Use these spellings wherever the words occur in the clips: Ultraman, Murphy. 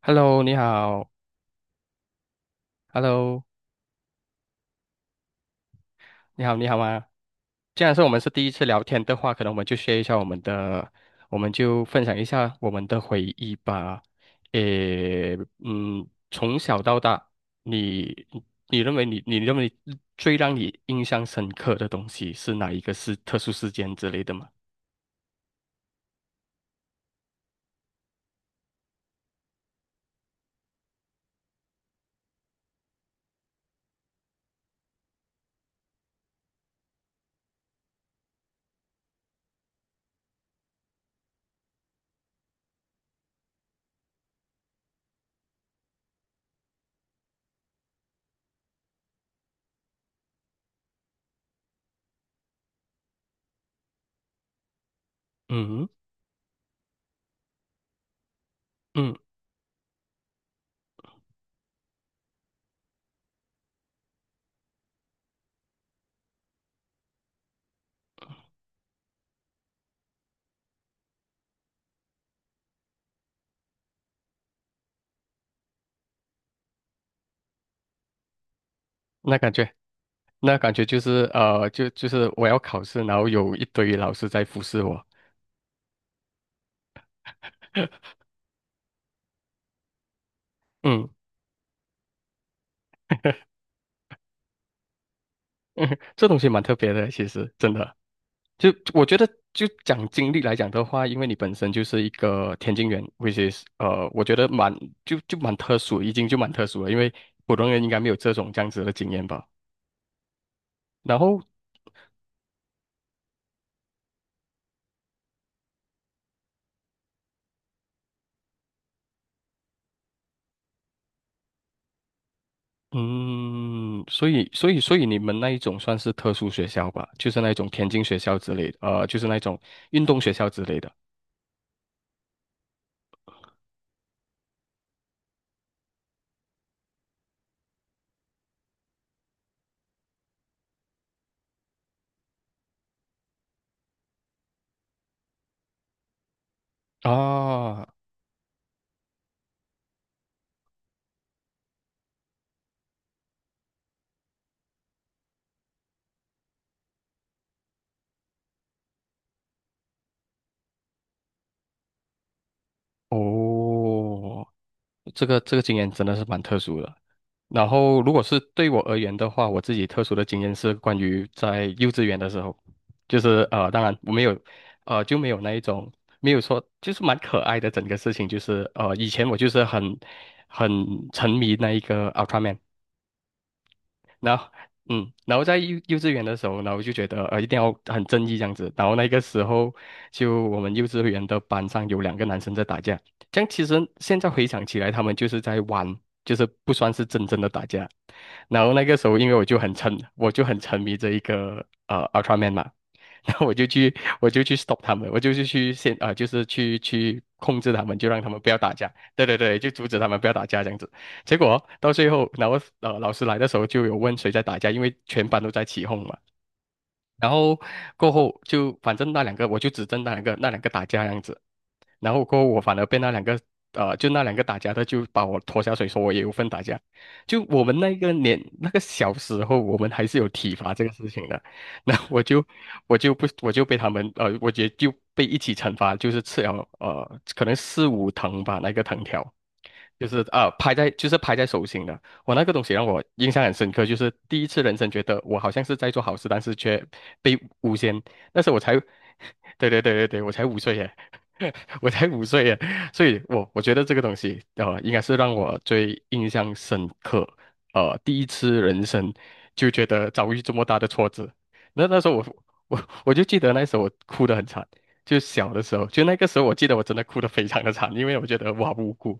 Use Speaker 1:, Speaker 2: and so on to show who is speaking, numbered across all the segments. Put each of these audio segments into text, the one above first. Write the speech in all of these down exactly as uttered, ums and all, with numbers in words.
Speaker 1: Hello，你好。Hello，你好，你好吗？既然是我们是第一次聊天的话，可能我们就 s 一下我们的，我们就分享一下我们的回忆吧。诶，嗯，从小到大，你你认为你你认为最让你印象深刻的东西是哪一个，是特殊事件之类的吗？嗯嗯，那感觉。那感觉就是呃，就就是我要考试，然后有一堆老师在服侍我。嗯。嗯，这东西蛮特别的，其实真的，就我觉得，就讲经历来讲的话，因为你本身就是一个田径员，which is 呃，我觉得蛮，就就蛮特殊，已经就蛮特殊了，因为普通人应该没有这种这样子的经验吧。然后，嗯，所以所以所以你们那一种算是特殊学校吧，就是那一种田径学校之类的，呃，就是那种运动学校之类的啊。哦，这个这个经验真的是蛮特殊的。然后，如果是对我而言的话，我自己特殊的经验是关于在幼稚园的时候，就是呃，当然我没有，呃，就没有那一种，没有说，就是蛮可爱的整个事情，就是呃，以前我就是很很沉迷那一个 Ultraman，然后嗯，然后在幼幼稚园的时候，然后就觉得呃一定要很正义这样子。然后那个时候，就我们幼稚园的班上有两个男生在打架，这样其实现在回想起来，他们就是在玩，就是不算是真正的打架。然后那个时候，因为我就很沉，我就很沉迷这一个呃 Ultraman 嘛，然后我就去我就去 stop 他们，我就是去先啊、呃就是去去控制他们，就让他们不要打架。对对对，就阻止他们不要打架这样子。结果到最后，然后呃，老师来的时候就有问谁在打架，因为全班都在起哄嘛。然后过后就反正那两个我就指正那两个那两个打架这样子，然后过后我反而被那两个呃就那两个打架的就把我拖下水，说我也有份打架。就我们那个年那个小时候，我们还是有体罚这个事情的。那我就我就不我就被他们，呃，我也就被一起惩罚，就是吃了呃可能四五藤吧，那个藤条，就是啊、拍在就是拍在手心的。我那个东西让我印象很深刻，就是第一次人生觉得我好像是在做好事，但是却被诬陷。那时候我才，对对对对对，我才五岁耶，我才五岁耶，所以我我觉得这个东西，呃，应该是让我最印象深刻。呃，第一次人生就觉得遭遇这么大的挫折，那那时候我我我就记得那时候我哭得很惨，就小的时候，就那个时候我记得我真的哭得非常的惨，因为我觉得我好无辜。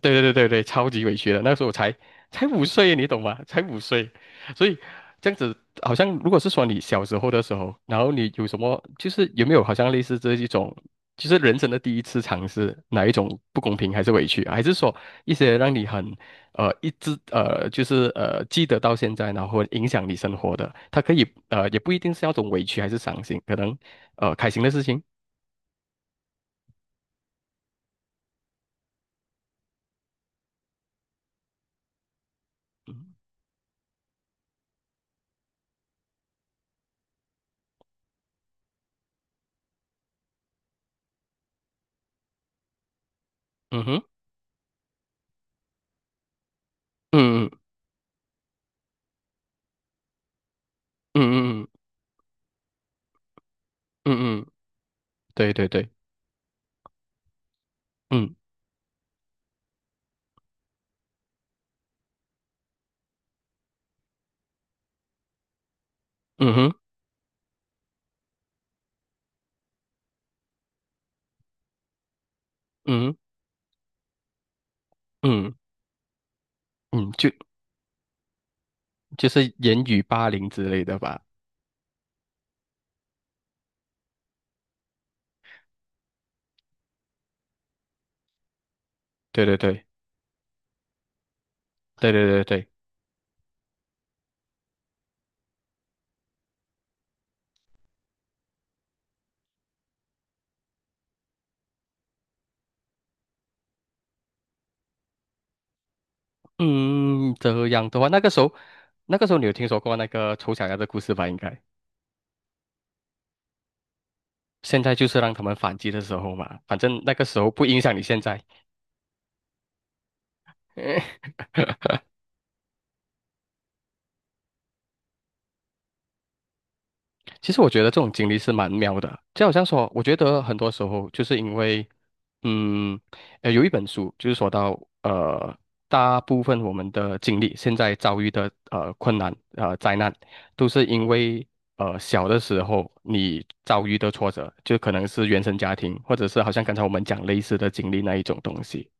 Speaker 1: 对对对对对，超级委屈的。那时候我才才五岁，你懂吗？才五岁，所以这样子好像，如果是说你小时候的时候，然后你有什么，就是有没有好像类似这一种，就是人生的第一次尝试，哪一种不公平还是委屈啊，还是说一些让你很，呃一直呃就是呃记得到现在，然后影响你生活的，它可以呃也不一定是那种委屈还是伤心，可能呃开心的事情。嗯，嗯哼，嗯嗯嗯嗯嗯嗯，嗯嗯，对对对。嗯。嗯哼，嗯嗯嗯，就就是言语霸凌之类的吧。对对对对对对对。嗯，这样的话，那个时候，那个时候你有听说过那个丑小鸭的故事吧？应该，现在就是让他们反击的时候嘛，反正那个时候不影响你现在。其实我觉得这种经历是蛮妙的，就好像说，我觉得很多时候就是因为，嗯，呃，有一本书就是说到，呃，大部分我们的经历，现在遭遇的呃困难、呃灾难，都是因为呃小的时候你遭遇的挫折，就可能是原生家庭，或者是好像刚才我们讲类似的经历那一种东西。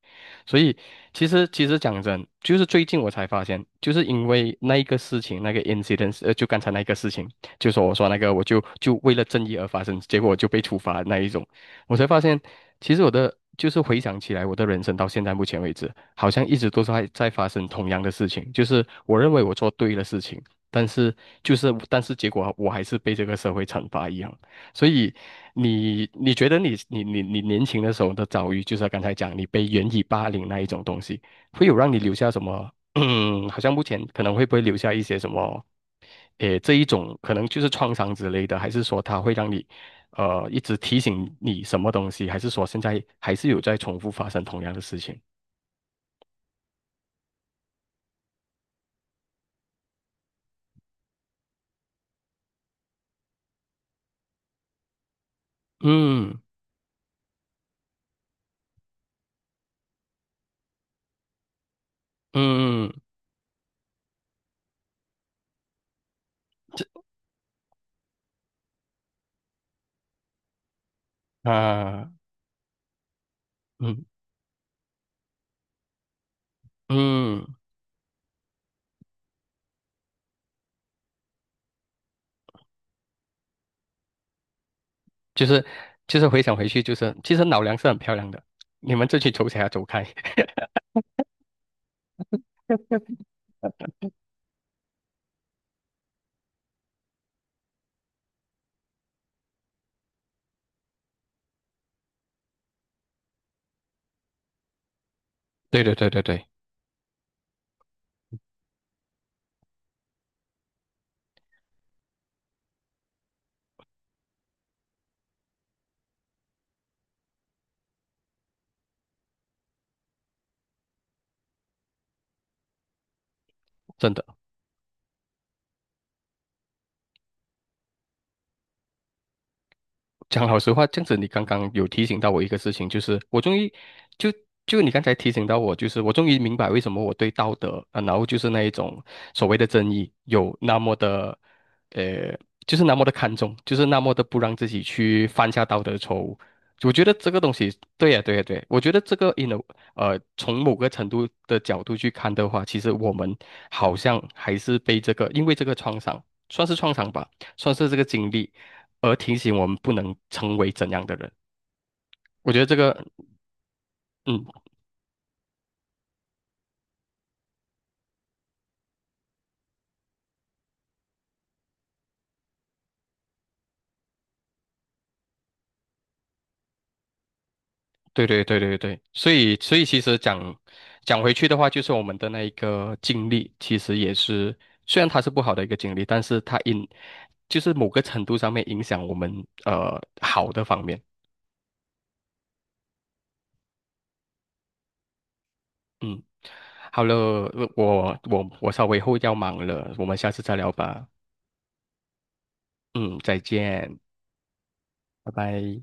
Speaker 1: 所以其实其实讲真，就是最近我才发现，就是因为那一个事情，那个 incident，呃，就刚才那个事情，就说我说那个，我就就为了正义而发生，结果我就被处罚那一种，我才发现，其实我的就是回想起来，我的人生到现在目前为止，好像一直都是在在发生同样的事情，就是我认为我做对了事情，但是就是但是结果我还是被这个社会惩罚一样。所以你你觉得你你你你年轻的时候的遭遇，就是刚才讲你被原以霸凌那一种东西，会有让你留下什么？嗯，好像目前可能会不会留下一些什么？诶，这一种可能就是创伤之类的，还是说它会让你呃一直提醒你什么东西，还是说现在还是有在重复发生同样的事情？嗯嗯，啊，嗯嗯，就是就是回想回去，就是其实老梁是很漂亮的，你们这群丑小鸭走开。对对对对对，真的。讲老实话，这样子你刚刚有提醒到我一个事情，就是我终于就就你刚才提醒到我，就是我终于明白为什么我对道德啊，然后就是那一种所谓的正义有那么的，呃，就是那么的看重，就是那么的不让自己去犯下道德错误。我觉得这个东西，对呀、对呀、对，我觉得这个 in a, 呃，从某个程度的角度去看的话，其实我们好像还是被这个，因为这个创伤，算是创伤吧。算是这个经历，而提醒我们不能成为怎样的人。我觉得这个，嗯，对对对对对，所以所以其实讲讲回去的话，就是我们的那一个经历，其实也是，虽然它是不好的一个经历，但是它影就是某个程度上面影响我们呃好的方面。嗯，好了，呃我我我稍微后要忙了，我们下次再聊吧。嗯，再见，拜拜。